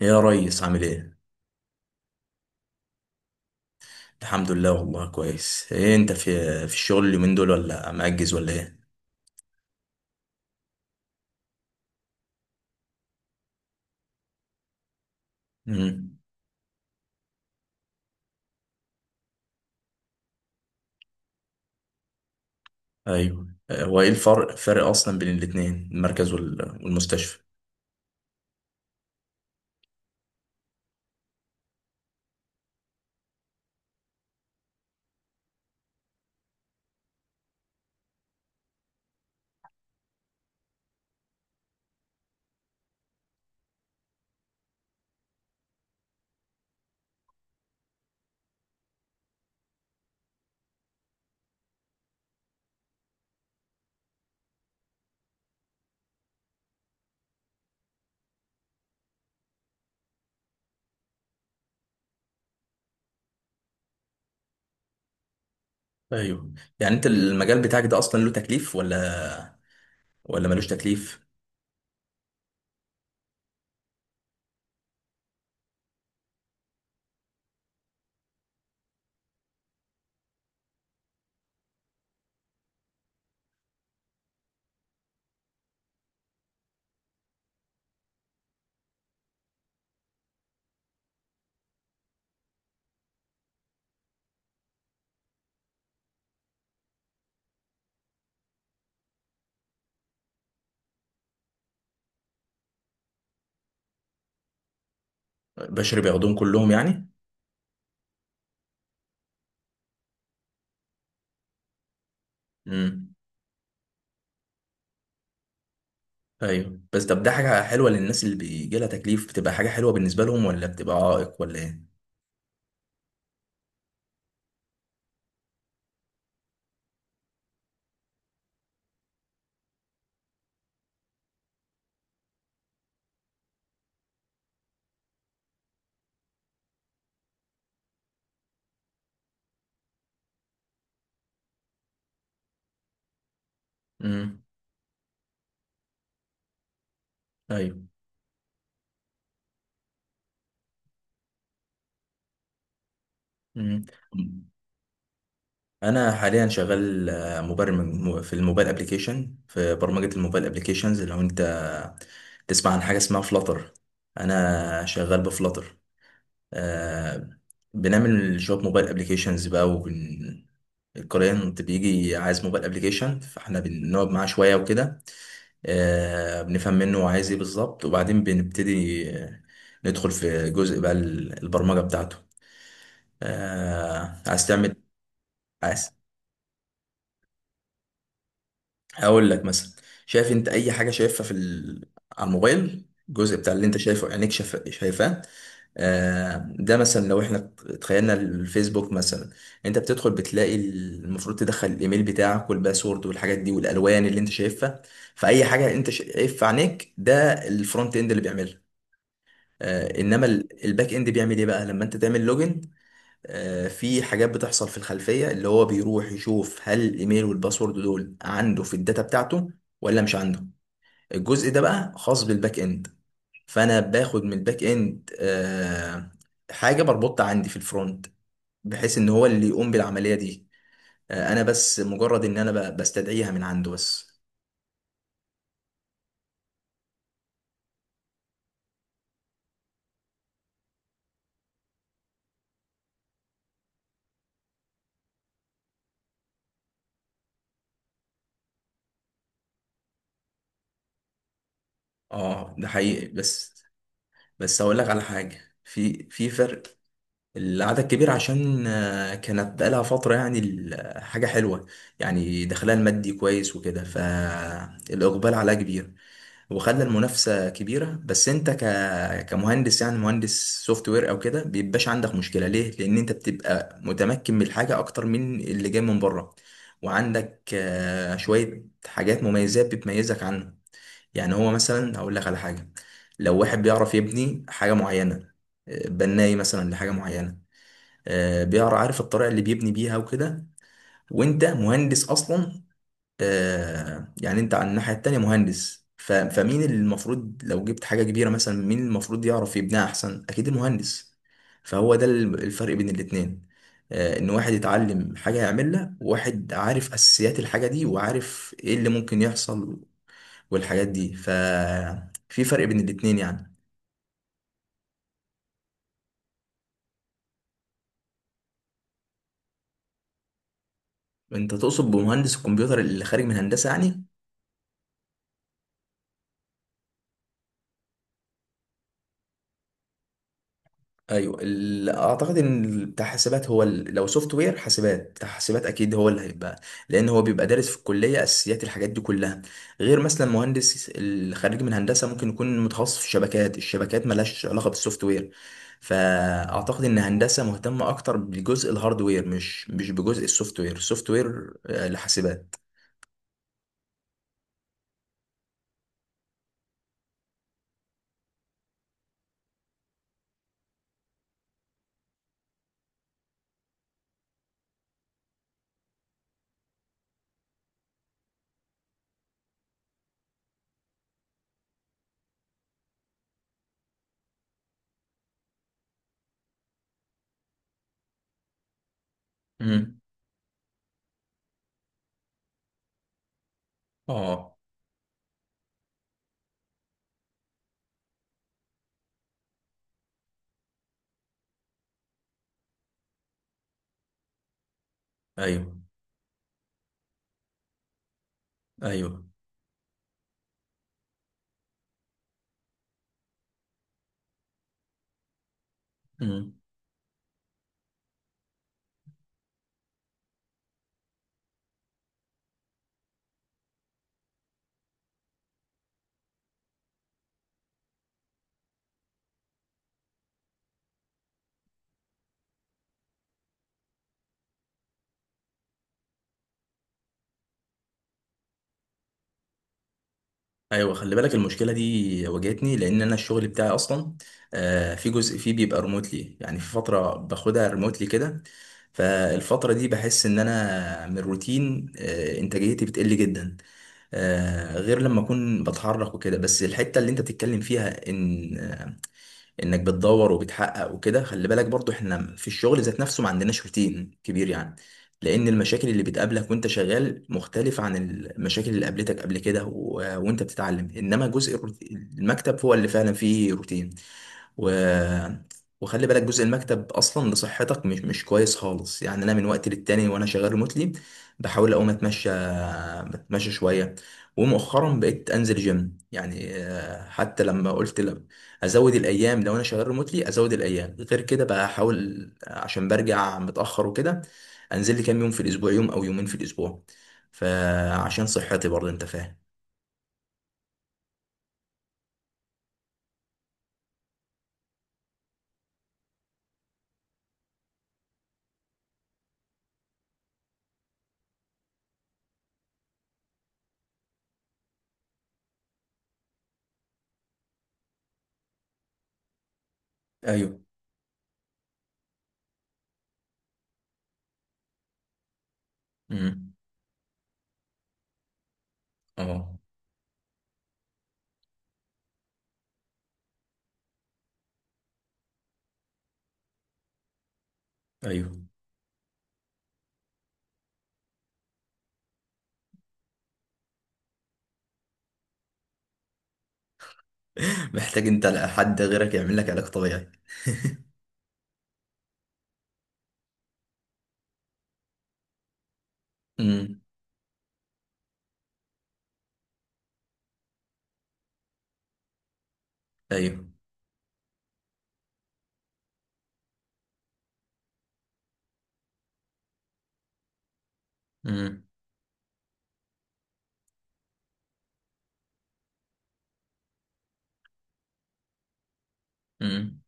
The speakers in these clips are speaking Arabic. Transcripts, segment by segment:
يا ريس، عامل ايه؟ الحمد لله، والله كويس. ايه انت في الشغل اليومين دول ولا مأجز ولا ايه؟ امم. ايوه. هو ايه فرق اصلا بين الاتنين، المركز والمستشفى؟ ايوه، يعني انت المجال بتاعك ده اصلا له تكليف ولا ملوش تكليف؟ بشري بياخدوهم كلهم يعني؟ امم. ايوه بس، طب ده حاجة حلوة للناس اللي بيجي لها تكليف؟ بتبقى حاجة حلوة بالنسبة لهم ولا بتبقى عائق ولا ايه؟ امم. ايوه. امم. انا حاليا شغال مبرمج، في الموبايل ابلكيشن، في برمجه الموبايل ابلكيشنز. لو انت تسمع عن حاجه اسمها فلاتر، انا شغال بفلاتر. آه. بنعمل شويه موبايل ابلكيشنز بقى، الكلاينت بيجي عايز موبايل ابلكيشن، فاحنا بنقعد معاه شويه وكده. بنفهم منه هو عايز ايه بالظبط، وبعدين بنبتدي ندخل في جزء بقى البرمجه بتاعته. عايز تعمل هقول لك مثلا. شايف انت اي حاجه شايفها على الموبايل؟ الجزء بتاع اللي انت شايفه عينيك شايفاه. ده مثلا لو احنا تخيلنا الفيسبوك مثلا، انت بتدخل بتلاقي المفروض تدخل الايميل بتاعك والباسورد والحاجات دي، والالوان اللي انت شايفها، فاي حاجه انت شايف في عينيك ده الفرونت اند اللي بيعملها. انما الباك اند بيعمل ايه بقى لما انت تعمل لوجن؟ في حاجات بتحصل في الخلفية، اللي هو بيروح يشوف هل الايميل والباسورد دول عنده في الداتا بتاعته ولا مش عنده. الجزء ده بقى خاص بالباك اند، فانا باخد من الباك اند حاجة بربطها عندي في الفرونت، بحيث ان هو اللي يقوم بالعملية دي. انا بس مجرد ان انا بستدعيها من عنده بس. اه، ده حقيقي بس. بس هقول لك على حاجة، في فرق. العدد كبير عشان كانت بقالها فترة، يعني حاجة حلوة، يعني دخلها المادي كويس وكده، فالإقبال عليها كبير، وخلى المنافسة كبيرة. بس أنت كمهندس، يعني مهندس سوفت وير أو كده، بيبقاش عندك مشكلة. ليه؟ لأن أنت بتبقى متمكن من الحاجة أكتر من اللي جاي من بره، وعندك شوية حاجات، مميزات بتميزك عنه. يعني هو مثلا هقول لك على حاجة. لو واحد بيعرف يبني حاجة معينة، بناي مثلا لحاجه معينه، بيقرا عارف الطريقه اللي بيبني بيها وكده، وانت مهندس اصلا، يعني انت على الناحيه التانيه مهندس، فمين اللي المفروض لو جبت حاجه كبيره مثلا مين المفروض يعرف يبنيها احسن؟ اكيد المهندس. فهو ده الفرق بين الاتنين. ان واحد يتعلم حاجه يعملها، وواحد عارف اساسيات الحاجه دي وعارف ايه اللي ممكن يحصل والحاجات دي، ففي فرق بين الاتنين يعني. انت تقصد بمهندس الكمبيوتر اللي خارج من هندسه يعني؟ ايوه، اعتقد ان بتاع حاسبات هو لو سوفت وير حاسبات، بتاع حاسبات اكيد هو اللي هيبقى، لان هو بيبقى دارس في الكليه اساسيات الحاجات دي كلها. غير مثلا مهندس الخريج من هندسه ممكن يكون متخصص في الشبكات. الشبكات ملهاش علاقه بالسوفت وير، فاعتقد ان هندسه مهتمه اكتر بجزء الهاردوير، مش بجزء السوفت وير لحاسبات. امم. اه. ايوه، ايوه، ايوه، خلي بالك، المشكله دي واجهتني، لان انا الشغل بتاعي اصلا في جزء فيه بيبقى ريموتلي، يعني في فتره باخدها ريموتلي كده، فالفتره دي بحس ان انا من الروتين انتاجيتي بتقل جدا، غير لما اكون بتحرك وكده. بس الحته اللي انت بتتكلم فيها، ان انك بتدور وبتحقق وكده، خلي بالك برضو احنا في الشغل ذات نفسه ما عندناش روتين كبير يعني، لان المشاكل اللي بتقابلك وانت شغال مختلفة عن المشاكل اللي قابلتك قبل كده، وانت بتتعلم. انما جزء المكتب هو اللي فعلا فيه روتين، و... وخلي بالك جزء المكتب اصلا لصحتك مش كويس خالص. يعني انا من وقت للتاني وانا شغال ريموتلي بحاول اقوم اتمشى، اتمشى شويه. ومؤخرا بقيت انزل جيم، يعني حتى لما قلت ازود الايام، لو انا شغال ريموتلي ازود الايام غير كده بقى، احاول عشان برجع متاخر وكده انزل لي كام يوم في الاسبوع، يوم او يومين في الاسبوع، فعشان صحتي برضه، انت فاهم. ايوه. امم. اه. ايوه. محتاج انت حد غيرك يعمل لك علاج طبيعي. امم. ايوه. امم. امم.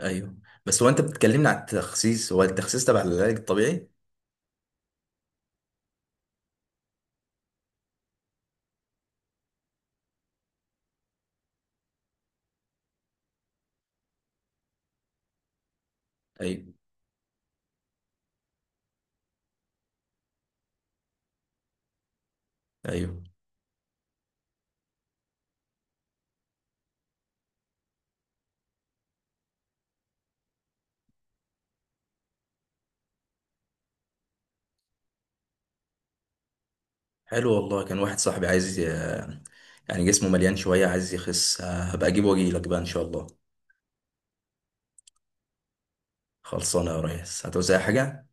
ايوه بس، هو انت بتكلمني على التخسيس، هو التخسيس تبع العلاج الطبيعي؟ ايوه. ايوه. حلو والله. كان واحد صاحبي عايز يعني جسمه مليان شوية، عايز يخس، هبقى اجيبه واجيلك بقى ان شاء الله. خلصانة يا ريس، هتوزع حاجة.